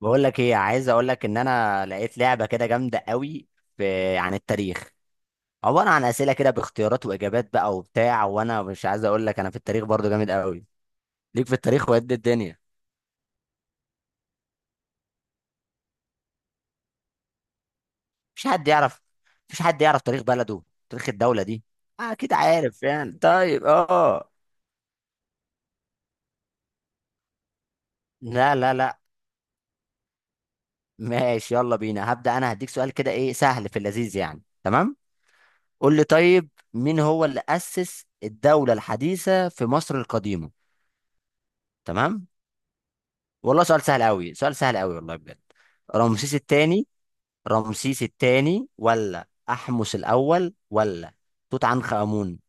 بقول لك ايه؟ عايز اقول لك ان انا لقيت لعبه كده جامده قوي في عن التاريخ. عباره عن اسئله كده باختيارات واجابات بقى وبتاع، وانا مش عايز اقول لك انا في التاريخ برضو جامد قوي. ليك في التاريخ وقد الدنيا. مش حد يعرف مش حد يعرف تاريخ بلده، تاريخ الدوله دي. آه، اكيد عارف يعني، طيب، اه. لا لا لا. ماشي، يلا بينا. هبدا انا هديك سؤال كده ايه سهل في اللذيذ يعني. تمام. قول لي طيب، مين هو اللي اسس الدوله الحديثه في مصر القديمه؟ تمام. والله سؤال سهل قوي، سؤال سهل قوي والله بجد. رمسيس الثاني؟ رمسيس الثاني ولا أحمس الأول ولا توت عنخ آمون؟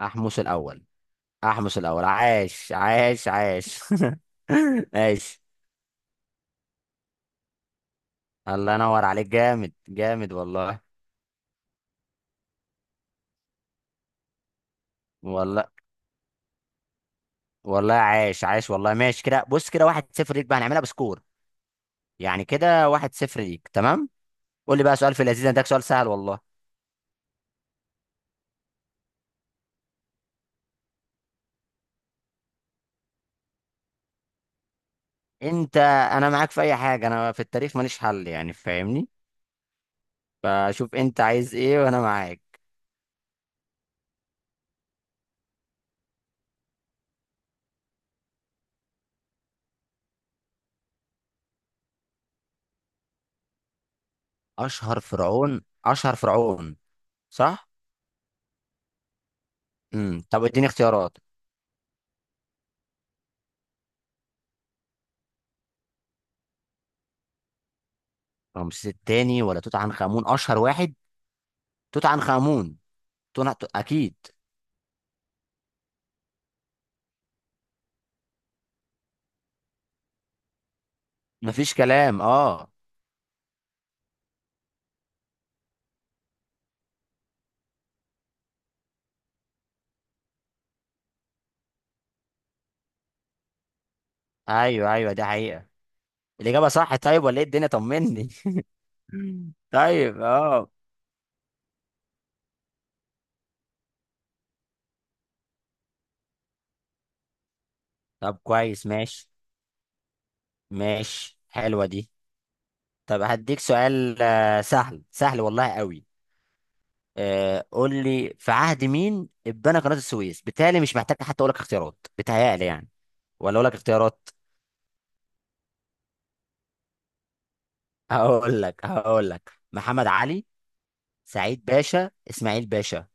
أحمس الأول. أحمس الأول عاش عاش عاش. عاش. الله ينور عليك، جامد جامد والله. والله. والله عاش عاش والله. ماشي كده، بص كده، واحد صفر ليك بقى، هنعملها بسكور. يعني كده واحد صفر ليك. تمام. قول لي بقى سؤال في اللذيذ، ده سؤال سهل والله. انت انا معاك في اي حاجه، انا في التاريخ ماليش حل يعني، فاهمني؟ فشوف انت عايز ايه وانا معاك. اشهر فرعون اشهر فرعون. صح. طب اديني اختيارات. رمسيس التاني ولا توت عنخ امون اشهر واحد؟ توت عنخ امون. اكيد. مفيش كلام، اه. ايوه ايوه، دي حقيقة. الاجابة صح طيب ولا ايه الدنيا؟ طمني. طيب، اه. طب كويس، ماشي. ماشي حلوة دي. طب هديك سؤال سهل، سهل والله قوي. قول لي، في عهد مين اتبنى قناة السويس؟ بالتالي مش محتاج حتى اقول لك اختيارات، بتهيألي يعني. ولا اقول لك اختيارات؟ هقول لك محمد علي، سعيد باشا، اسماعيل باشا.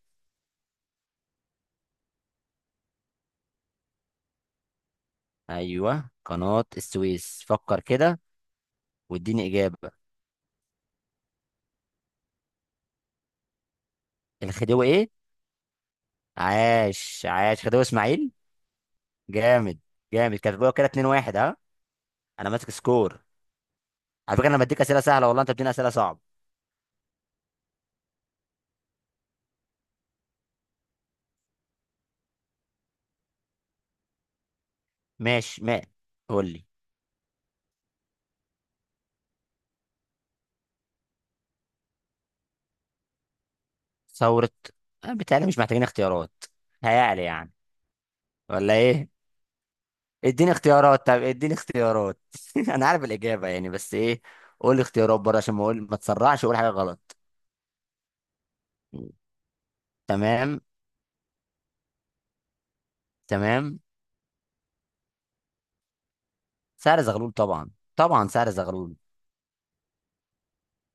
ايوه، قناة السويس، فكر كده، واديني اجابة. الخديوي ايه؟ عاش عاش خديوي اسماعيل. جامد، جامد، كاتبوها كده 2-1، ها. انا ماسك سكور. على فكرة انا بديك اسئلة سهلة والله، انت بتديني اسئلة صعبة. ماشي ما قول لي. ثورة بالتالي مش محتاجين اختيارات. هيعلى يعني، ولا ايه؟ اديني اختيارات، طب اديني اختيارات. انا عارف الاجابه يعني بس ايه. قول لي اختيارات بره عشان ما اقول ما تسرعش اقول حاجه غلط. تمام. تمام. سعر زغلول طبعا، طبعا سعر زغلول.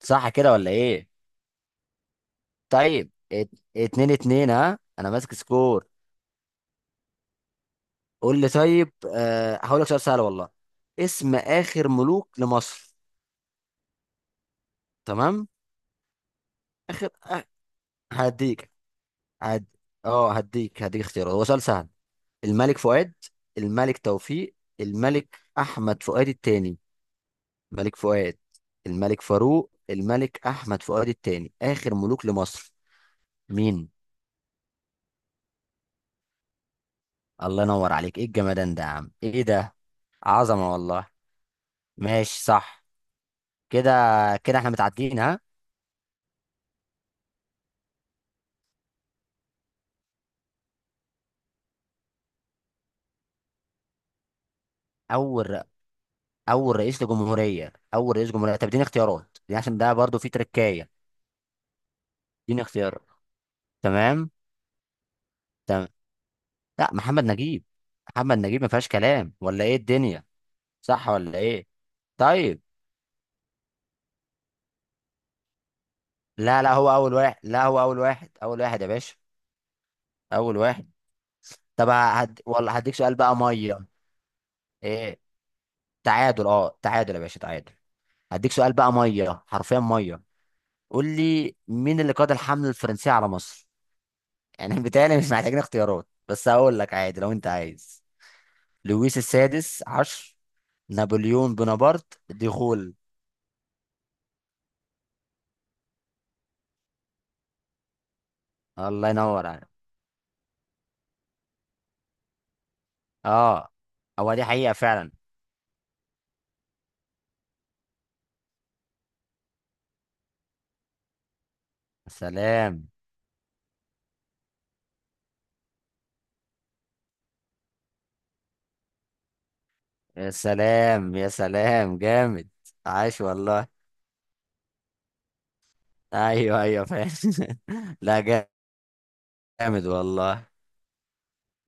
صح كده ولا ايه؟ طيب، اتنين اتنين ها، انا ماسك سكور. قول لي طيب، هقول لك سؤال سهل والله. اسم اخر ملوك لمصر. تمام. اخر أ- هديك هد... اه هديك هديك اختيارات، هو سؤال سهل. الملك فؤاد، الملك توفيق، الملك احمد فؤاد الثاني. ملك فؤاد، الملك فاروق، الملك احمد فؤاد الثاني اخر ملوك لمصر. مين؟ الله ينور عليك، ايه الجمدان ده يا عم؟ ايه ده؟ عظمه والله. ماشي، صح كده. كده احنا متعادلين، ها. اول اول رئيس لجمهوريه، اول رئيس جمهوريه. طب اديني اختيارات دي، عشان ده برضو في تركايه. اديني اختيارات. تمام. تمام. لا، محمد نجيب. محمد نجيب، ما فيهاش كلام ولا ايه الدنيا؟ صح ولا ايه؟ طيب. لا لا، هو اول واحد. لا، هو اول واحد، اول واحد يا باشا، اول واحد. طب والله هديك سؤال بقى ميه. إيه؟ تعادل، اه تعادل يا باشا، تعادل. هديك سؤال بقى ميه، حرفيا ميه. قول لي، مين اللي قاد الحمله الفرنسيه على مصر؟ يعني بيتهيألي مش محتاجين اختيارات، بس هقول لك عادي لو انت عايز. لويس السادس عشر، نابليون بونابرت، ديغول. الله ينور عليك، اه. هو دي حقيقه فعلا. سلام. يا سلام، يا سلام، جامد. عاش والله. ايوه ايوه، فاهم. لا. جامد والله،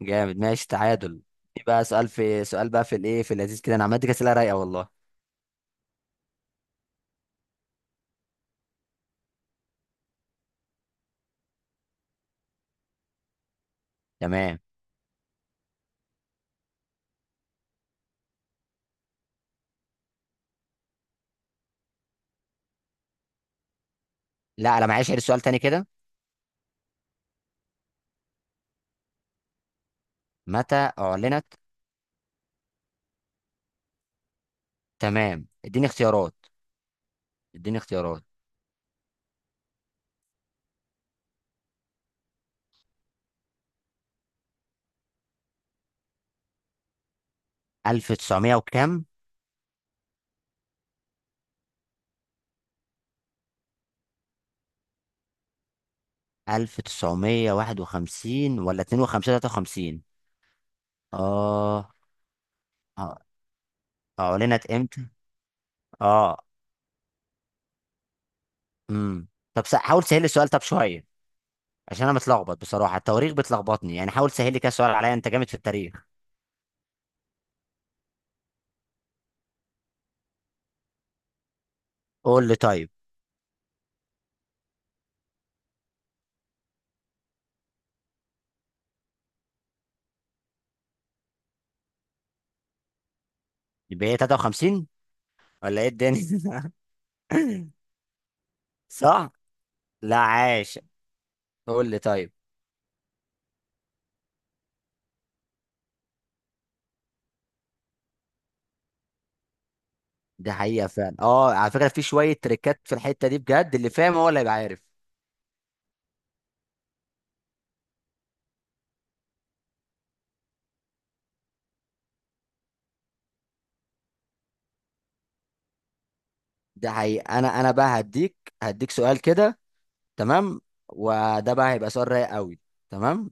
جامد. ماشي، تعادل. يبقى سؤال في سؤال بقى في الايه، في اللذيذ كده. انا عملت كده اسئله رايقه والله. تمام. لا، انا معيش غير سؤال تاني كده. متى اعلنت؟ تمام، اديني اختيارات. اديني اختيارات 1900 وكام؟ 1951 ولا 52 53؟ اه آه. اعلنت امتى؟ اه امم طب، حاول تسهل لي السؤال طب شويه، عشان انا متلخبط بصراحه، التواريخ بتلخبطني يعني، حاول تسهل لي كده سؤال عليا، انت جامد في التاريخ. قول لي طيب. يبقى هي 53 ولا ايه الدنيا؟ صح. لا، عاش. قول لي طيب. دي حقيقة فعلا، اه، على فكرة في شوية تريكات في الحتة دي بجد، اللي فاهم هو اللي هيبقى عارف. ده حقيقة. انا بقى هديك سؤال كده. تمام. وده بقى هيبقى سؤال رايق قوي. تمام.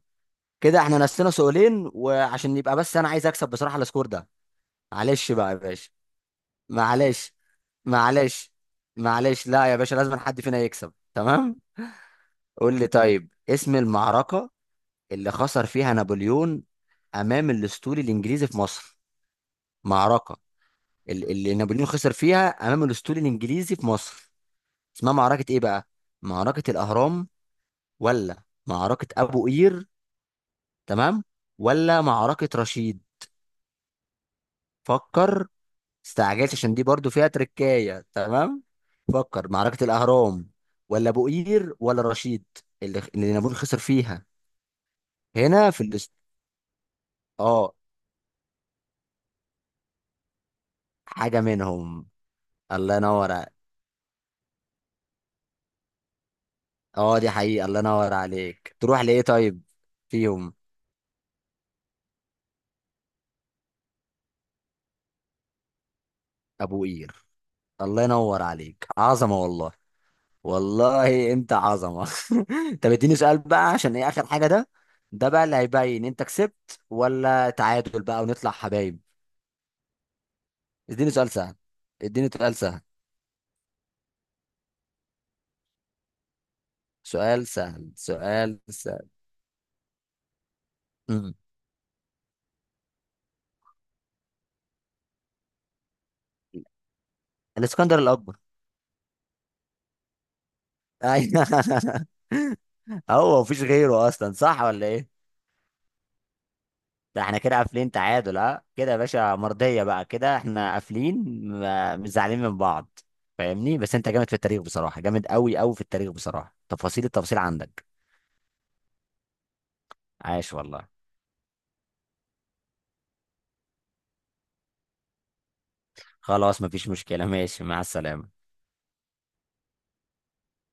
كده احنا نسينا سؤالين، وعشان يبقى بس انا عايز اكسب بصراحة السكور ده. معلش بقى يا باشا، معلش، معلش، معلش. لا يا باشا، لازم حد فينا يكسب. تمام. قول لي طيب، اسم المعركة اللي خسر فيها نابليون امام الاسطول الانجليزي في مصر. معركه اللي نابليون خسر فيها امام الاسطول الانجليزي في مصر، اسمها معركه ايه بقى؟ معركه الاهرام ولا معركه ابو قير، تمام، ولا معركه رشيد؟ فكر. استعجلت عشان دي برضو فيها تركايه. تمام. فكر، معركه الاهرام ولا ابو قير ولا رشيد؟ اللي نابليون خسر فيها هنا في اه. حاجه منهم. الله ينور. اه، دي حقيقة، الله ينور عليك. تروح لإيه طيب فيهم؟ أبو قير. الله ينور عليك، عظمة والله. والله أنت عظمة. طب اديني سؤال بقى، عشان إيه آخر حاجة ده، ده بقى اللي هيبين أنت كسبت ولا تعادل بقى ونطلع حبايب. اديني سؤال سهل، اديني سؤال سهل، سؤال سهل، سؤال سهل. مم. الاسكندر الأكبر. أيوه. هو مفيش غيره أصلا، صح ولا إيه؟ ده احنا كده قافلين تعادل، اه، كده يا باشا مرضية بقى، كده احنا قافلين، مش زعلانين من بعض، فاهمني؟ بس انت جامد في التاريخ بصراحة، جامد قوي قوي في التاريخ بصراحة، تفاصيل، التفاصيل عندك. عاش والله. خلاص، مفيش مشكلة، ماشي، مع السلامة.